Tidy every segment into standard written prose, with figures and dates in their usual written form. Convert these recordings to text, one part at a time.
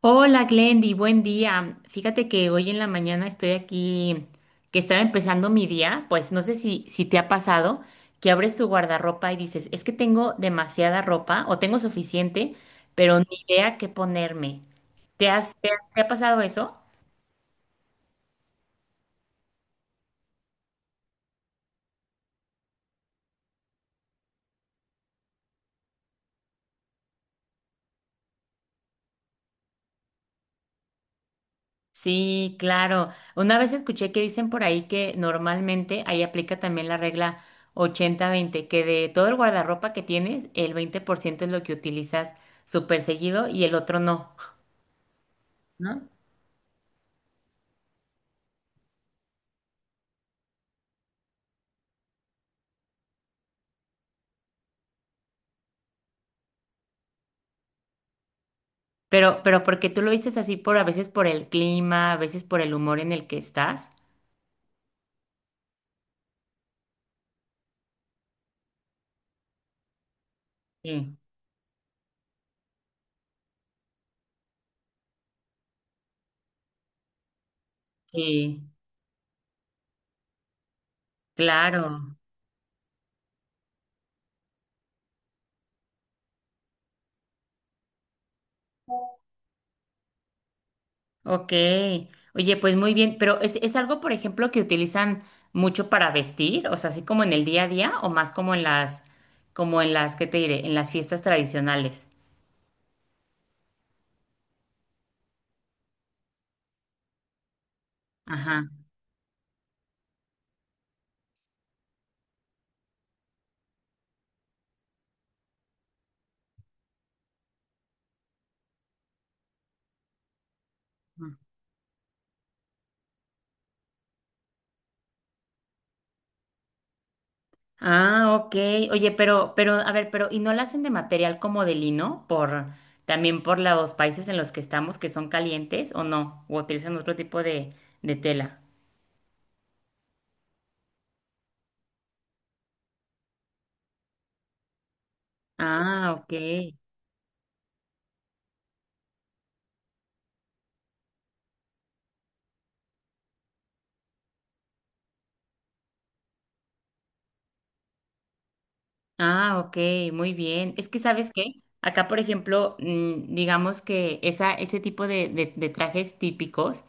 Hola Glendy, buen día. Fíjate que hoy en la mañana estoy aquí, que estaba empezando mi día, pues no sé si te ha pasado que abres tu guardarropa y dices, es que tengo demasiada ropa o tengo suficiente, pero ni idea qué ponerme. ¿Te ha pasado eso? Sí, claro. Una vez escuché que dicen por ahí que normalmente ahí aplica también la regla 80/20, que de todo el guardarropa que tienes, el 20% es lo que utilizas súper seguido y el otro no, ¿no? Pero porque tú lo dices así por a veces por el clima, a veces por el humor en el que estás. Sí. Sí, claro. Ok. Oye, pues muy bien, pero es algo, por ejemplo, que utilizan mucho para vestir? O sea, así como en el día a día o más como en las, ¿qué te diré? En las fiestas tradicionales. Ajá. Ah, ok. Oye, pero, a ver, pero, ¿y no la hacen de material como de lino? Por, también por los países en los que estamos que son calientes o no, o utilizan otro tipo de tela. Ah, ok. Ah, ok, muy bien. Es que, ¿sabes qué? Acá, por ejemplo, digamos que esa, ese tipo de trajes típicos,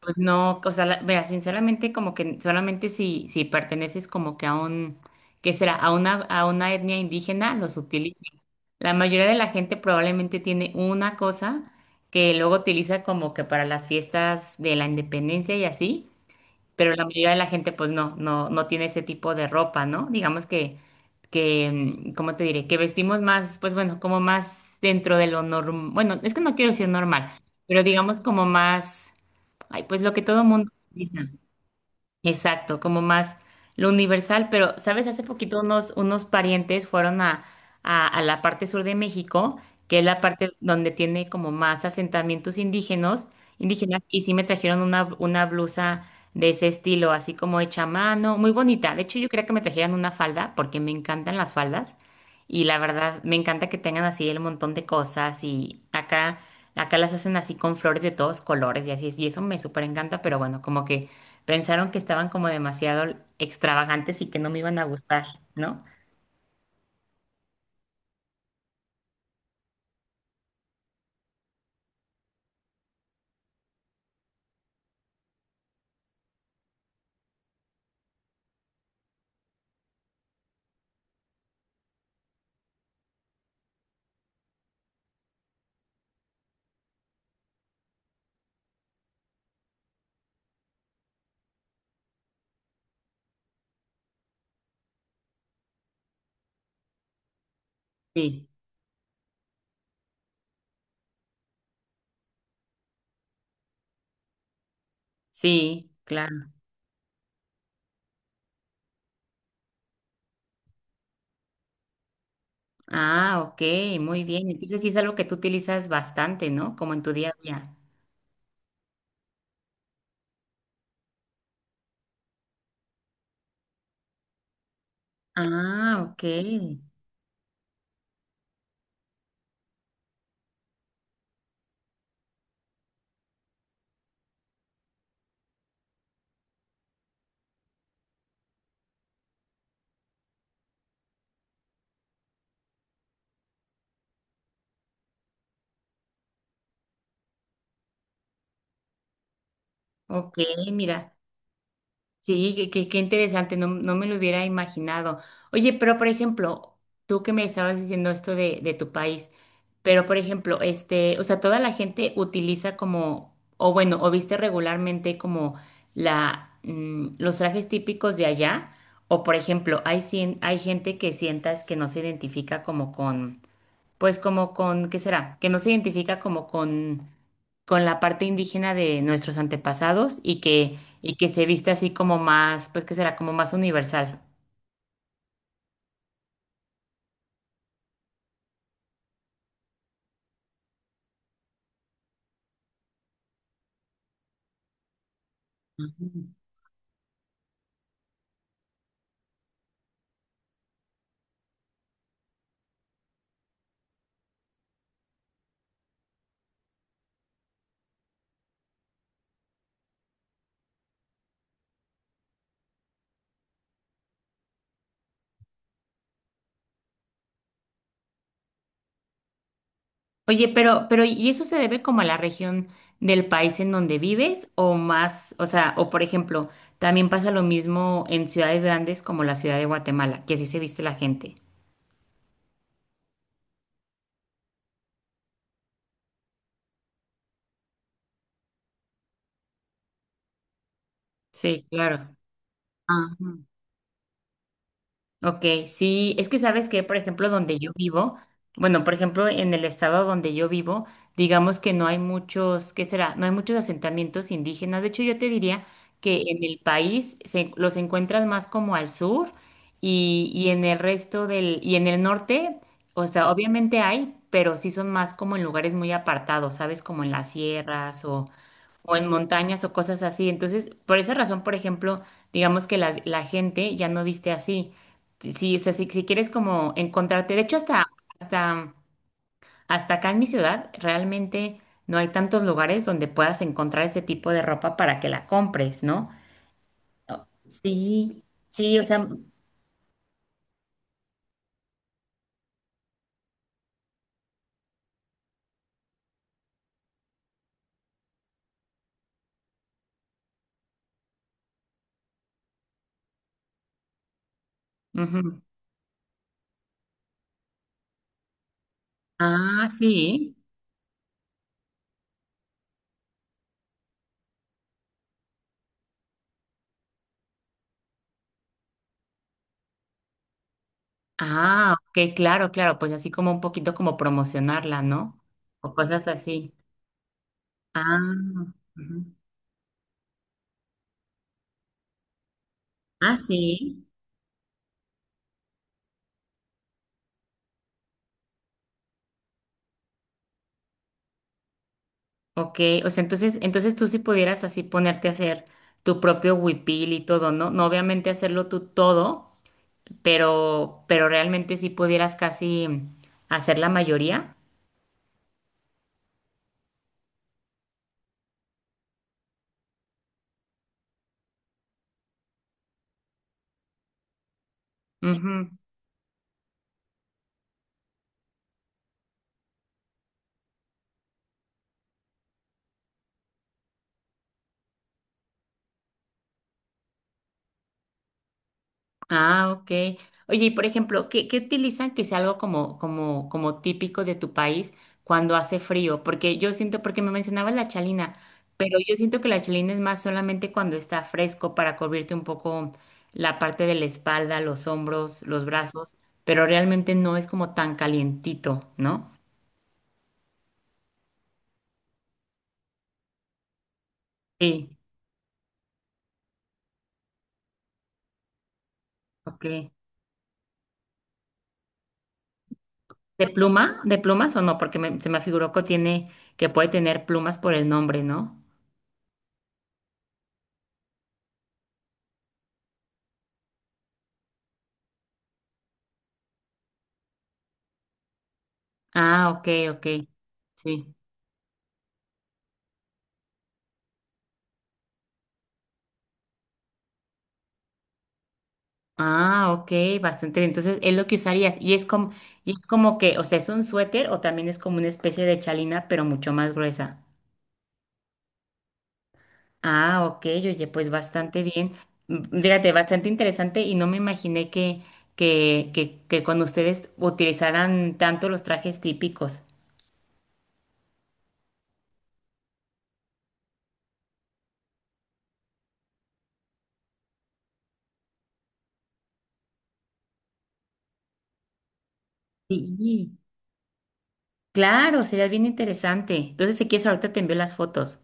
pues no, o sea, la- mira, sinceramente, como que solamente si perteneces como que a un, ¿qué será? A una etnia indígena, los utilizas. La mayoría de la gente probablemente tiene una cosa que luego utiliza como que para las fiestas de la independencia y así, pero la mayoría de la gente pues no, no, no tiene ese tipo de ropa, ¿no? Digamos que, ¿cómo te diré? Que vestimos más, pues bueno, como más dentro de lo normal, bueno, es que no quiero decir normal, pero digamos como más, ay, pues lo que todo mundo utiliza. Exacto, como más lo universal, pero, ¿sabes? Hace poquito unos parientes fueron a la parte sur de México, que es la parte donde tiene como más asentamientos indígenas, indígenas, y sí me trajeron una blusa de ese estilo, así como hecha a mano, muy bonita. De hecho, yo quería que me trajeran una falda, porque me encantan las faldas, y la verdad, me encanta que tengan así el montón de cosas, y acá, acá las hacen así con flores de todos colores, y así es, y eso me súper encanta, pero bueno, como que... Pensaron que estaban como demasiado extravagantes y que no me iban a gustar, ¿no? Sí, sí, claro. Ah, ok, muy bien. Entonces sí es algo que tú utilizas bastante, ¿no? Como en tu día a día. Ah, ok, ok, mira. Sí, qué, qué interesante, no, no me lo hubiera imaginado. Oye, pero por ejemplo, tú que me estabas diciendo esto de tu país, pero por ejemplo, este, o sea, toda la gente utiliza como, o bueno, o viste regularmente como la, los trajes típicos de allá, o por ejemplo, hay, cien- hay gente que sientas que no se identifica como con pues como con, ¿qué será? Que no se identifica como con la parte indígena de nuestros antepasados y que se viste así como más, pues que será como más universal. Oye, pero ¿y eso se debe como a la región del país en donde vives o más, o sea, o por ejemplo, también pasa lo mismo en ciudades grandes como la ciudad de Guatemala, que así se viste la gente? Sí, claro. Ajá. Ok, sí, es que sabes que, por ejemplo, donde yo vivo, bueno, por ejemplo, en el estado donde yo vivo, digamos que no hay muchos, ¿qué será? No hay muchos asentamientos indígenas. De hecho, yo te diría que en el país se- los encuentras más como al sur y en el resto del, y en el norte, o sea, obviamente hay, pero sí son más como en lugares muy apartados, ¿sabes? Como en las sierras o en montañas o cosas así. Entonces, por esa razón, por ejemplo, digamos que la gente ya no viste así. Sí, o sea, si, si quieres como encontrarte, de hecho, hasta, hasta, hasta acá en mi ciudad, realmente no hay tantos lugares donde puedas encontrar ese tipo de ropa para que la compres, ¿no? Oh, sí, sí, o sea, ujú. Ah, sí. Ah, ok, claro, claro, pues así como un poquito como promocionarla, ¿no? O cosas así. Ah, ujú. Ah, sí. Ok, o sea, entonces, entonces tú sí pudieras así ponerte a hacer tu propio huipil y todo, ¿no? No obviamente hacerlo tú todo, pero realmente sí pudieras casi hacer la mayoría. Ujú. Ah, ok. Oye, y por ejemplo, ¿qué, qué utilizan que sea algo como, como, como típico de tu país cuando hace frío? Porque yo siento, porque me mencionabas la chalina, pero yo siento que la chalina es más solamente cuando está fresco para cubrirte un poco la parte de la espalda, los hombros, los brazos, pero realmente no es como tan calientito, ¿no? Sí, ok. ¿De pluma? ¿De plumas o no? Porque me- se me figuró que tiene, que puede tener plumas por el nombre, ¿no? Ah, ok, ok. Sí. Ah, ok, bastante bien. Entonces es lo que usarías. Y es como que, o sea, es un suéter o también es como una especie de chalina, pero mucho más gruesa. Ah, ok, oye, pues bastante bien. Fíjate, bastante interesante y no me imaginé que cuando ustedes utilizaran tanto los trajes típicos. Sí. Claro, sería bien interesante. Entonces, si quieres, ahorita te envío las fotos.